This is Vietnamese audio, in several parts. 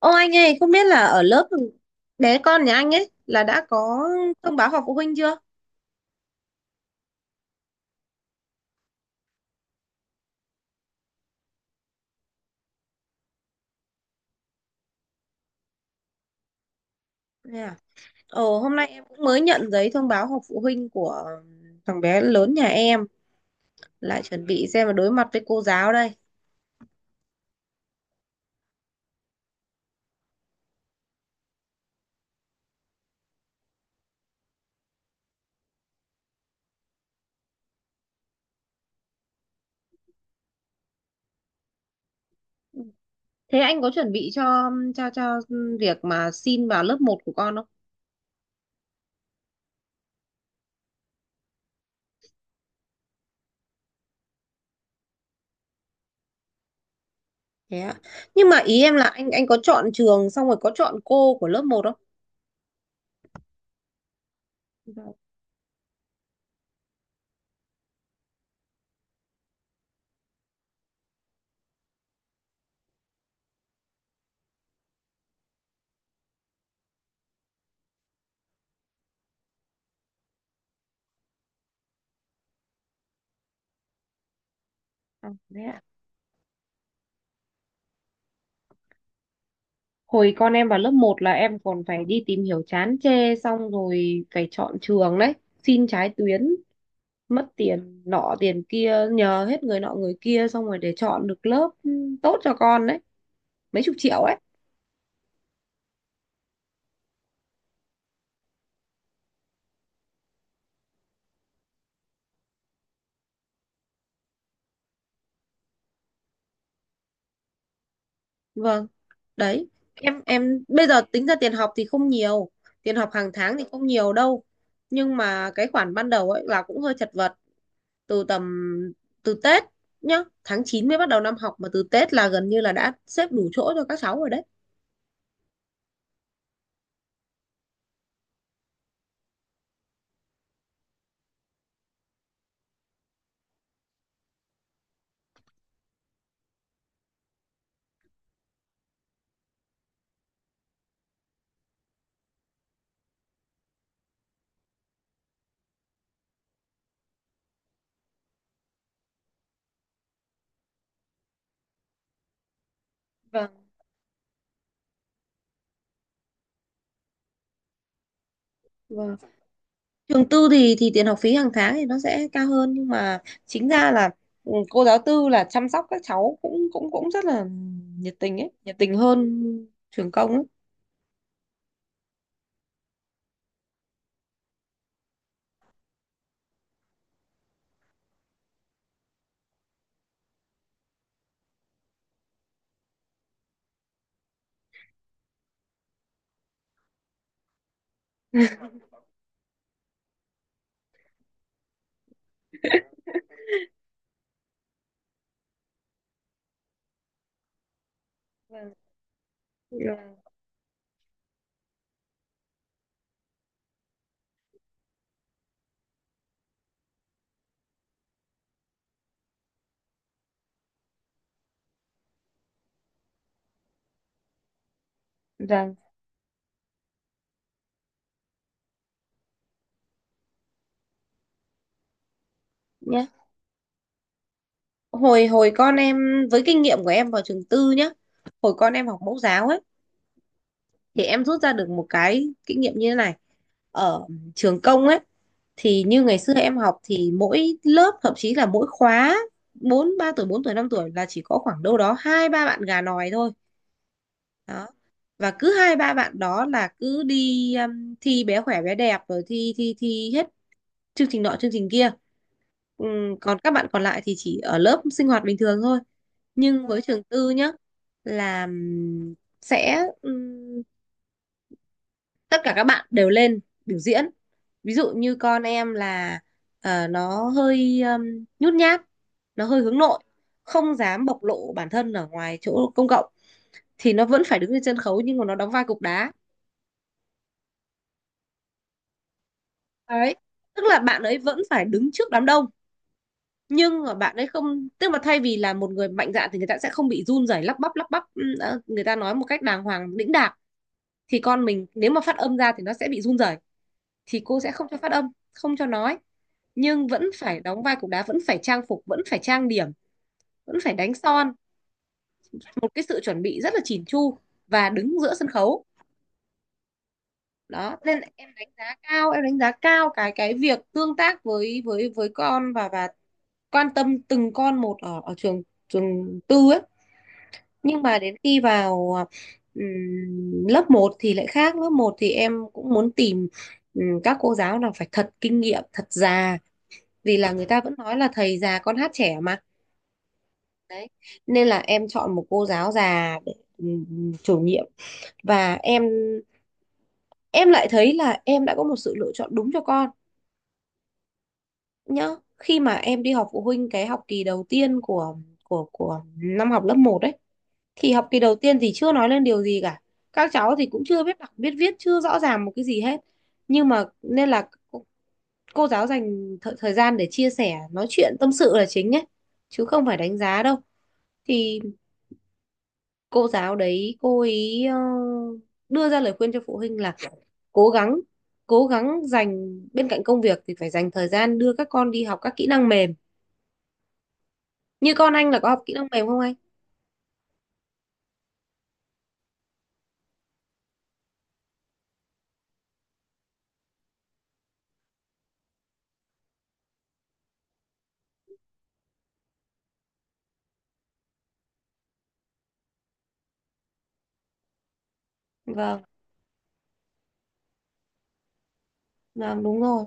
Ô anh ơi, không biết là ở lớp bé con nhà anh ấy là đã có thông báo họp phụ huynh chưa? Yeah. Ồ, hôm nay em cũng mới nhận giấy thông báo họp phụ huynh của thằng bé lớn nhà em, lại chuẩn bị xem mà đối mặt với cô giáo đây. Thế anh có chuẩn bị cho việc mà xin vào lớp một của con không? Thế ạ. Nhưng mà ý em là anh có chọn trường xong rồi có chọn cô của lớp một không? Vâng. À, thế ạ. Con em vào lớp một là em còn phải đi tìm hiểu chán chê xong rồi phải chọn trường đấy, xin trái tuyến, mất tiền nọ tiền kia, nhờ hết người nọ người kia xong rồi để chọn được lớp tốt cho con đấy, mấy chục triệu ấy. Vâng. Đấy, em bây giờ tính ra tiền học thì không nhiều, tiền học hàng tháng thì không nhiều đâu. Nhưng mà cái khoản ban đầu ấy là cũng hơi chật vật, từ tầm Tết nhá, tháng 9 mới bắt đầu năm học mà từ Tết là gần như là đã xếp đủ chỗ cho các cháu rồi đấy. Vâng. Trường tư thì tiền học phí hàng tháng thì nó sẽ cao hơn nhưng mà chính ra là cô giáo tư là chăm sóc các cháu cũng cũng cũng rất là nhiệt tình ấy, nhiệt tình hơn trường công ấy. Vâng. Vâng. Vâng. Nhá. Hồi hồi con em, với kinh nghiệm của em vào trường tư nhá. Hồi con em học mẫu giáo ấy thì em rút ra được một cái kinh nghiệm như thế này: ở trường công ấy thì như ngày xưa em học thì mỗi lớp, thậm chí là mỗi khóa bốn ba tuổi bốn tuổi năm tuổi, là chỉ có khoảng đâu đó hai ba bạn gà nòi thôi đó, và cứ hai ba bạn đó là cứ đi thi bé khỏe bé đẹp rồi thi thi thi hết chương trình nọ chương trình kia. Ừm, Còn các bạn còn lại thì chỉ ở lớp sinh hoạt bình thường thôi. Nhưng với trường tư nhá, là sẽ tất cả các bạn đều lên biểu diễn. Ví dụ như con em là nó hơi nhút nhát, nó hơi hướng nội, không dám bộc lộ bản thân ở ngoài chỗ công cộng, thì nó vẫn phải đứng trên sân khấu nhưng mà nó đóng vai cục đá. Đấy, tức là bạn ấy vẫn phải đứng trước đám đông, nhưng mà bạn ấy không, tức mà thay vì là một người mạnh dạn thì người ta sẽ không bị run rẩy, lắp bắp người ta nói một cách đàng hoàng đĩnh đạc, thì con mình nếu mà phát âm ra thì nó sẽ bị run rẩy, thì cô sẽ không cho phát âm, không cho nói, nhưng vẫn phải đóng vai cục đá, vẫn phải trang phục, vẫn phải trang điểm, vẫn phải đánh son, một cái sự chuẩn bị rất là chỉn chu và đứng giữa sân khấu. Đó nên em đánh giá cao, em đánh giá cao cái việc tương tác với con và quan tâm từng con một ở ở trường, trường tư ấy. Nhưng mà đến khi vào lớp một thì lại khác. Lớp một thì em cũng muốn tìm các cô giáo nào phải thật kinh nghiệm, thật già, vì là người ta vẫn nói là thầy già con hát trẻ mà. Đấy, nên là em chọn một cô giáo già để chủ nhiệm, và em lại thấy là em đã có một sự lựa chọn đúng cho con nhá. Khi mà em đi họp phụ huynh cái học kỳ đầu tiên của của năm học lớp một đấy, thì học kỳ đầu tiên thì chưa nói lên điều gì cả, các cháu thì cũng chưa biết đọc biết viết, chưa rõ ràng một cái gì hết, nhưng mà, nên là cô giáo dành thời gian để chia sẻ, nói chuyện, tâm sự là chính ấy, chứ không phải đánh giá đâu. Thì cô giáo đấy cô ấy đưa ra lời khuyên cho phụ huynh là cố gắng, dành bên cạnh công việc thì phải dành thời gian đưa các con đi học các kỹ năng mềm. Như con anh là có học kỹ năng mềm không anh? Vâng, vâng, đúng rồi.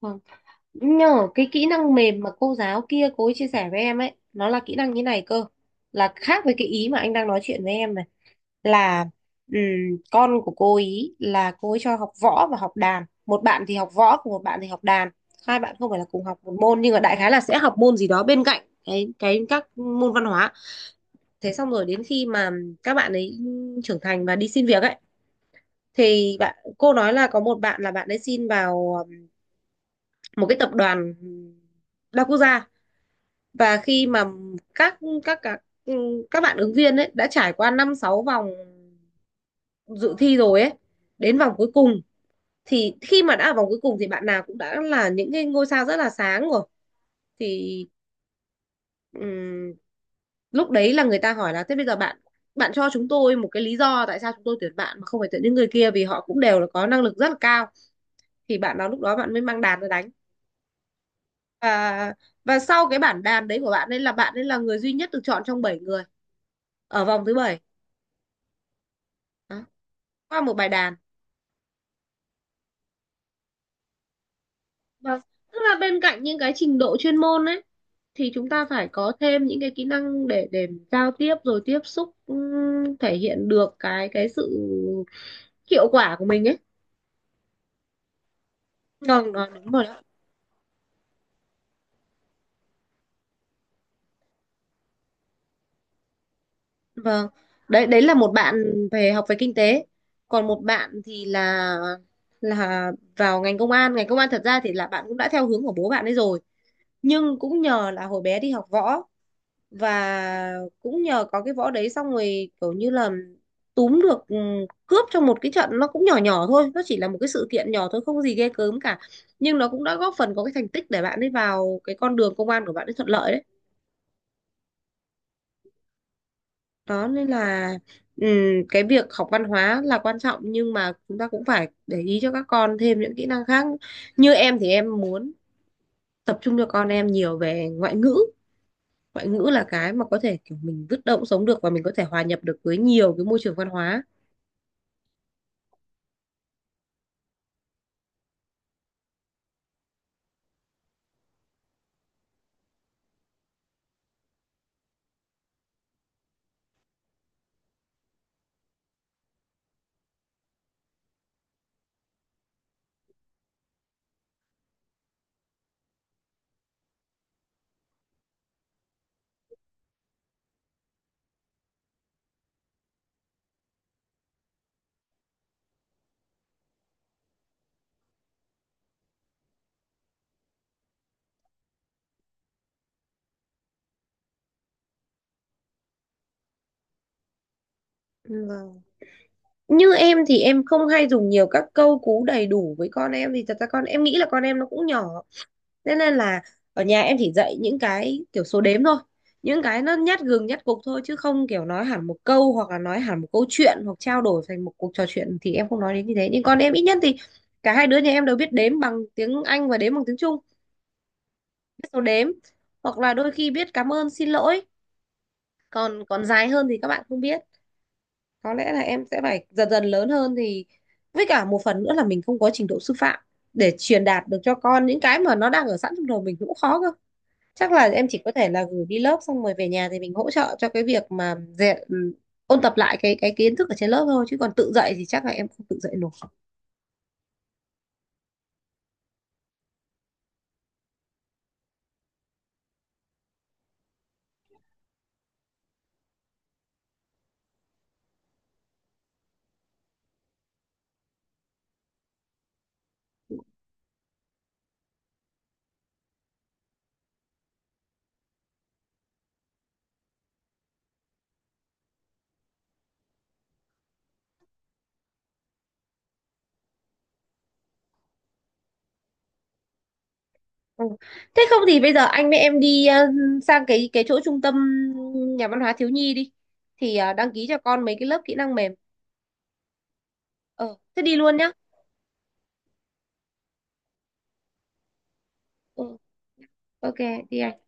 Vâng. Nhờ cái kỹ năng mềm mà cô giáo kia cô ấy chia sẻ với em ấy, nó là kỹ năng như này cơ, là khác với cái ý mà anh đang nói chuyện với em này, là ừm, con của cô ý, là cô ấy cho học võ và học đàn, một bạn thì học võ còn một bạn thì học đàn, hai bạn không phải là cùng học một môn nhưng mà đại khái là sẽ học môn gì đó bên cạnh cái các môn văn hóa. Thế xong rồi đến khi mà các bạn ấy trưởng thành và đi xin việc ấy, thì bạn cô nói là có một bạn là bạn ấy xin vào một cái tập đoàn đa quốc gia, và khi mà các các các các bạn ứng viên ấy đã trải qua năm sáu vòng dự thi rồi ấy, đến vòng cuối cùng, thì khi mà đã ở vòng cuối cùng thì bạn nào cũng đã là những cái ngôi sao rất là sáng rồi, thì ừm, lúc đấy là người ta hỏi là thế bây giờ bạn bạn cho chúng tôi một cái lý do tại sao chúng tôi tuyển bạn mà không phải tuyển những người kia, vì họ cũng đều là có năng lực rất là cao. Thì bạn nào lúc đó bạn mới mang đàn ra đánh, và sau cái bản đàn đấy của bạn ấy là người duy nhất được chọn trong 7 người ở vòng thứ bảy. Đó, qua một bài đàn. và Tức là bên cạnh những cái trình độ chuyên môn ấy, thì chúng ta phải có thêm những cái kỹ năng để giao tiếp rồi tiếp xúc, thể hiện được cái sự hiệu quả của mình ấy. Vâng đó, đúng rồi đó. Vâng, đấy đấy là một bạn về học về kinh tế, còn một bạn thì là vào ngành công an. Ngành công an thật ra thì là bạn cũng đã theo hướng của bố bạn ấy rồi, nhưng cũng nhờ là hồi bé đi học võ, và cũng nhờ có cái võ đấy xong rồi kiểu như là túm được cướp trong một cái trận, nó cũng nhỏ nhỏ thôi, nó chỉ là một cái sự kiện nhỏ thôi, không có gì ghê gớm cả. Nhưng nó cũng đã góp phần có cái thành tích để bạn ấy vào cái con đường công an của bạn ấy thuận lợi đấy. Đó nên là cái việc học văn hóa là quan trọng, nhưng mà chúng ta cũng phải để ý cho các con thêm những kỹ năng khác. Như em thì em muốn tập trung cho con em nhiều về ngoại ngữ. Ngoại ngữ là cái mà có thể kiểu mình bứt động sống được, và mình có thể hòa nhập được với nhiều cái môi trường văn hóa. Vâng. Như em thì em không hay dùng nhiều các câu cú đầy đủ với con em, vì thật ra con em, nghĩ là con em nó cũng nhỏ, thế nên là ở nhà em chỉ dạy những cái kiểu số đếm thôi, những cái nó nhát gừng nhát cục thôi, chứ không kiểu nói hẳn một câu hoặc là nói hẳn một câu chuyện, hoặc trao đổi thành một cuộc trò chuyện thì em không nói đến như thế. Nhưng con em ít nhất thì cả hai đứa nhà em đều biết đếm bằng tiếng Anh và đếm bằng tiếng Trung, biết số đếm, hoặc là đôi khi biết cảm ơn xin lỗi, còn còn dài hơn thì các bạn không biết. Có lẽ là em sẽ phải dần dần, lớn hơn thì, với cả một phần nữa là mình không có trình độ sư phạm để truyền đạt được cho con những cái mà nó đang ở sẵn trong đầu mình cũng khó cơ. Chắc là em chỉ có thể là gửi đi lớp xong rồi về nhà thì mình hỗ trợ cho cái việc mà dạy, ôn tập lại cái kiến thức ở trên lớp thôi, chứ còn tự dạy thì chắc là em không tự dạy nổi. Ừ. Thế không thì bây giờ anh với em đi sang cái chỗ trung tâm nhà văn hóa thiếu nhi đi, thì đăng ký cho con mấy cái lớp kỹ năng mềm. Ờ thế đi luôn nhá. Ừ. OK. Đi anh.